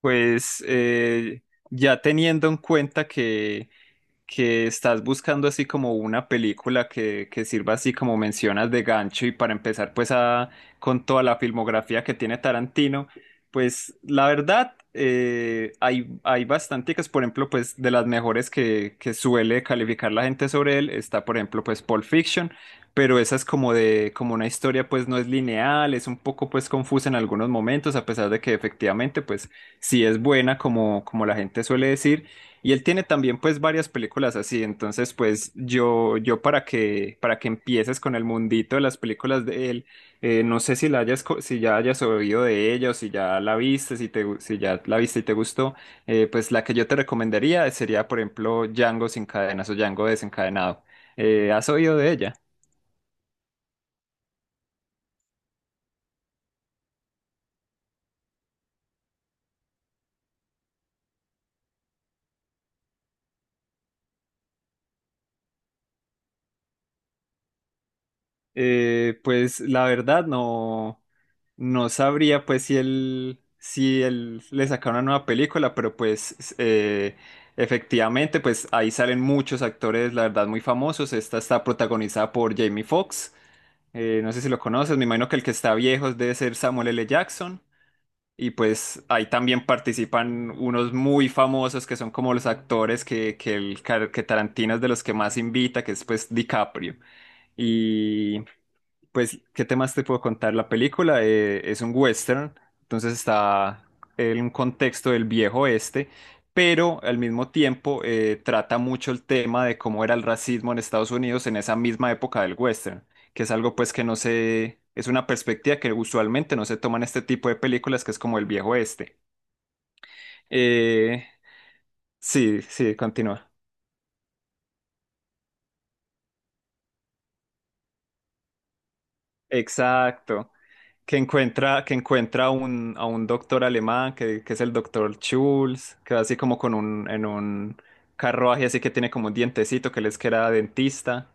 Pues ya teniendo en cuenta que estás buscando así como una película que sirva así como mencionas de gancho y para empezar pues a, con toda la filmografía que tiene Tarantino, pues la verdad hay bastanticas. Por ejemplo, pues de las mejores que suele calificar la gente sobre él está, por ejemplo, pues Pulp Fiction, pero esa es como de como una historia, pues no es lineal, es un poco pues confusa en algunos momentos a pesar de que efectivamente pues sí es buena como la gente suele decir. Y él tiene también pues varias películas así, entonces pues yo para que empieces con el mundito de las películas de él, no sé si la hayas, si ya hayas oído de ella, o si ya la viste, si te, si ya la viste y te gustó, pues la que yo te recomendaría sería, por ejemplo, Django sin cadenas o Django desencadenado. ¿Has oído de ella? Pues la verdad no, no sabría pues si él, si él le saca una nueva película, pero pues efectivamente pues ahí salen muchos actores, la verdad, muy famosos. Esta está protagonizada por Jamie Foxx, no sé si lo conoces, me imagino que el que está viejo debe ser Samuel L. Jackson. Y pues ahí también participan unos muy famosos que son como los actores que Tarantino es de los que más invita, que es pues DiCaprio. Pues, ¿qué temas te puedo contar? La película es un western, entonces está en un contexto del viejo oeste, pero al mismo tiempo trata mucho el tema de cómo era el racismo en Estados Unidos en esa misma época del western, que es algo pues que no se, es una perspectiva que usualmente no se toma en este tipo de películas, que es como el viejo oeste. Eh, sí, sí, continúa. Exacto. Que encuentra, que encuentra a un doctor alemán, que es el doctor Schulz, que va así como con en un carruaje así que tiene como un dientecito que les queda dentista.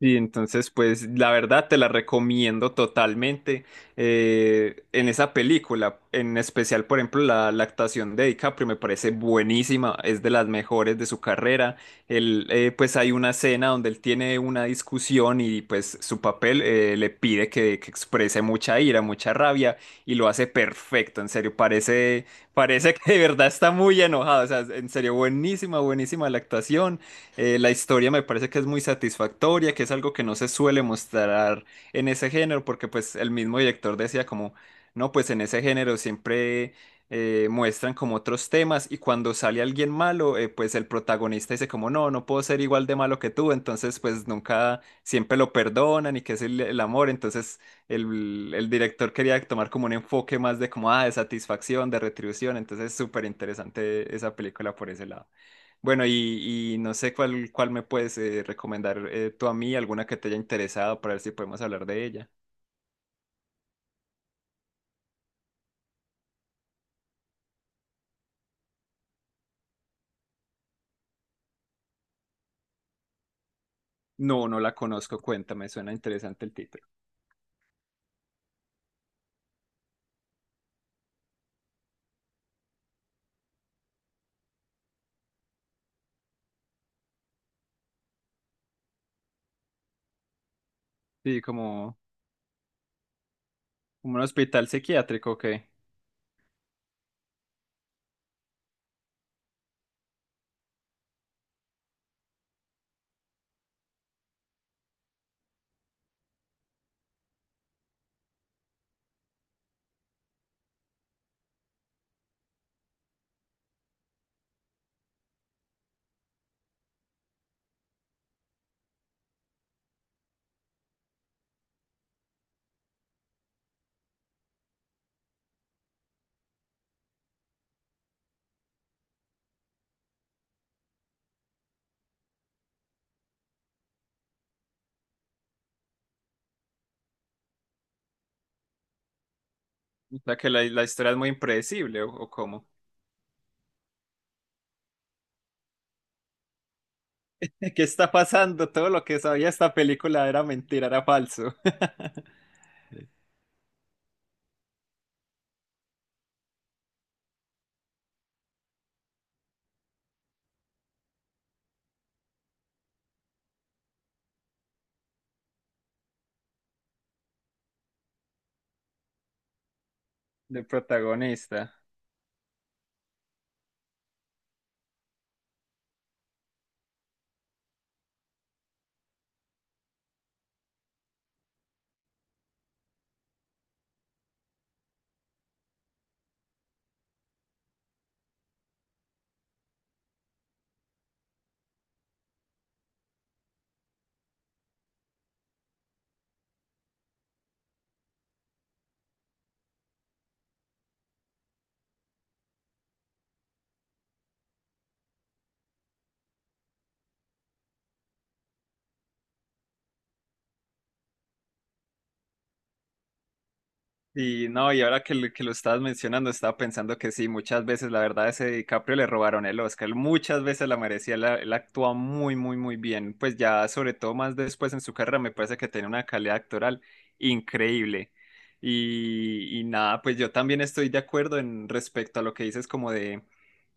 Y entonces, pues la verdad te la recomiendo totalmente. En esa película, en especial, por ejemplo, la actuación de DiCaprio me parece buenísima, es de las mejores de su carrera. Él, pues hay una escena donde él tiene una discusión y pues su papel le pide que exprese mucha ira, mucha rabia, y lo hace perfecto, en serio, parece, parece que de verdad está muy enojado, o sea, en serio, buenísima, buenísima la actuación. La historia me parece que es muy satisfactoria, que es algo que no se suele mostrar en ese género, porque pues el mismo director decía como, no, pues en ese género siempre muestran como otros temas, y cuando sale alguien malo, pues el protagonista dice como, no, no puedo ser igual de malo que tú, entonces pues nunca, siempre lo perdonan y que es el amor. Entonces el director quería tomar como un enfoque más de como, ah, de satisfacción, de retribución. Entonces es súper interesante esa película por ese lado. Bueno, y no sé cuál me puedes recomendar, tú a mí, alguna que te haya interesado para ver si podemos hablar de ella. No, no la conozco, cuéntame, suena interesante el título. Sí, como, como un hospital psiquiátrico, ¿o ¿qué? O sea, que la historia es muy impredecible, o cómo? ¿Qué está pasando? Todo lo que sabía esta película era mentira, era falso. Del protagonista. Y no, y ahora que, que lo estabas mencionando, estaba pensando que sí, muchas veces, la verdad, ese DiCaprio le robaron el Oscar, muchas veces la merecía, él actúa muy, muy, muy bien, pues ya sobre todo más después en su carrera me parece que tiene una calidad actoral increíble. Y nada, pues yo también estoy de acuerdo en respecto a lo que dices como de,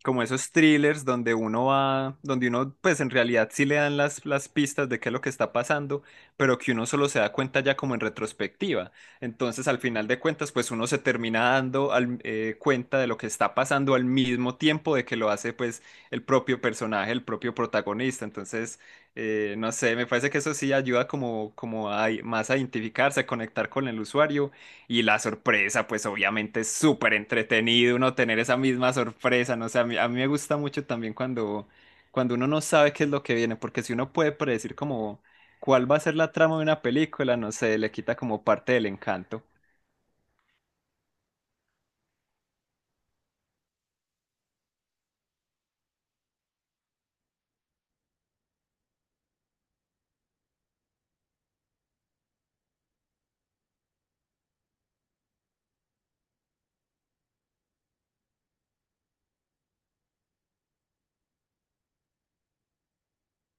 como esos thrillers donde uno va, donde uno pues en realidad sí le dan las pistas de qué es lo que está pasando, pero que uno solo se da cuenta ya como en retrospectiva. Entonces, al final de cuentas, pues uno se termina dando cuenta de lo que está pasando al mismo tiempo de que lo hace pues el propio personaje, el propio protagonista. Entonces, no sé, me parece que eso sí ayuda como, como a, más a identificarse, a conectar con el usuario. Y la sorpresa, pues obviamente es súper entretenido uno tener esa misma sorpresa. No sé, a mí me gusta mucho también cuando uno no sabe qué es lo que viene, porque si uno puede predecir como, ¿cuál va a ser la trama de una película? No sé, le quita como parte del encanto.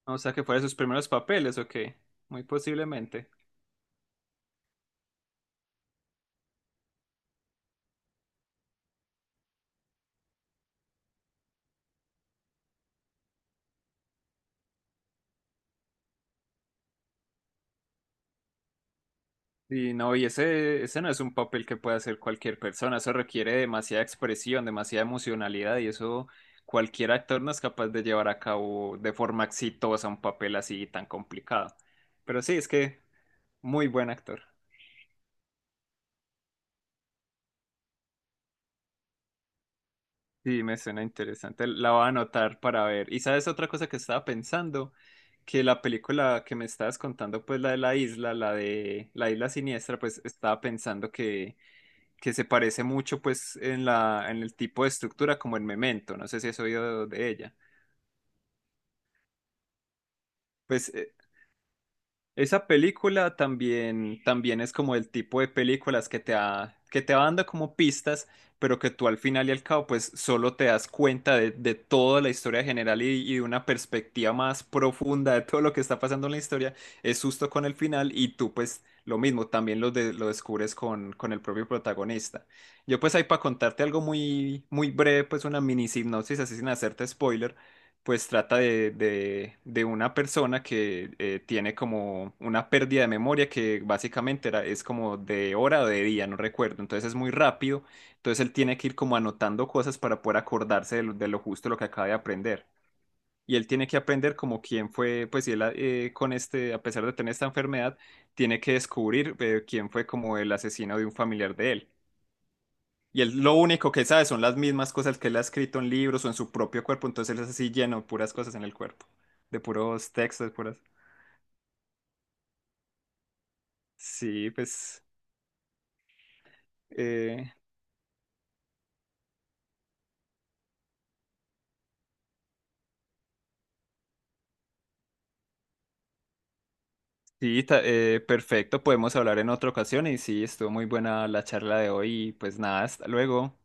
O sea, que fuera sus primeros papeles, ¿o qué? Muy posiblemente. Y no, ese no es un papel que puede hacer cualquier persona. Eso requiere demasiada expresión, demasiada emocionalidad, y eso cualquier actor no es capaz de llevar a cabo de forma exitosa un papel así tan complicado. Pero sí, es que muy buen actor. Sí, me suena interesante. La voy a anotar para ver. Y sabes otra cosa que estaba pensando, que la película que me estabas contando, pues la de la isla, la de la isla siniestra, pues estaba pensando que se parece mucho pues en en el tipo de estructura como en Memento. No sé si has oído de ella. Pues eh, Esa película también, también es como el tipo de películas que te va dando como pistas, pero que tú al final y al cabo pues solo te das cuenta de toda la historia general y de una perspectiva más profunda de todo lo que está pasando en la historia. Es justo con el final y tú pues lo mismo, también lo, lo descubres con el propio protagonista. Yo pues ahí para contarte algo muy, muy breve, pues una mini sinopsis así sin hacerte spoiler, pues trata de, de una persona que tiene como una pérdida de memoria que básicamente era, es como de hora o de día, no recuerdo, entonces es muy rápido, entonces él tiene que ir como anotando cosas para poder acordarse de de lo justo lo que acaba de aprender. Y él tiene que aprender como quién fue, pues y él con este, a pesar de tener esta enfermedad, tiene que descubrir quién fue como el asesino de un familiar de él. Y él lo único que sabe son las mismas cosas que él ha escrito en libros o en su propio cuerpo, entonces él es así lleno de puras cosas en el cuerpo, de puros textos, de puras... Sí, pues... eh, sí, perfecto, podemos hablar en otra ocasión y sí, estuvo muy buena la charla de hoy y pues nada, hasta luego.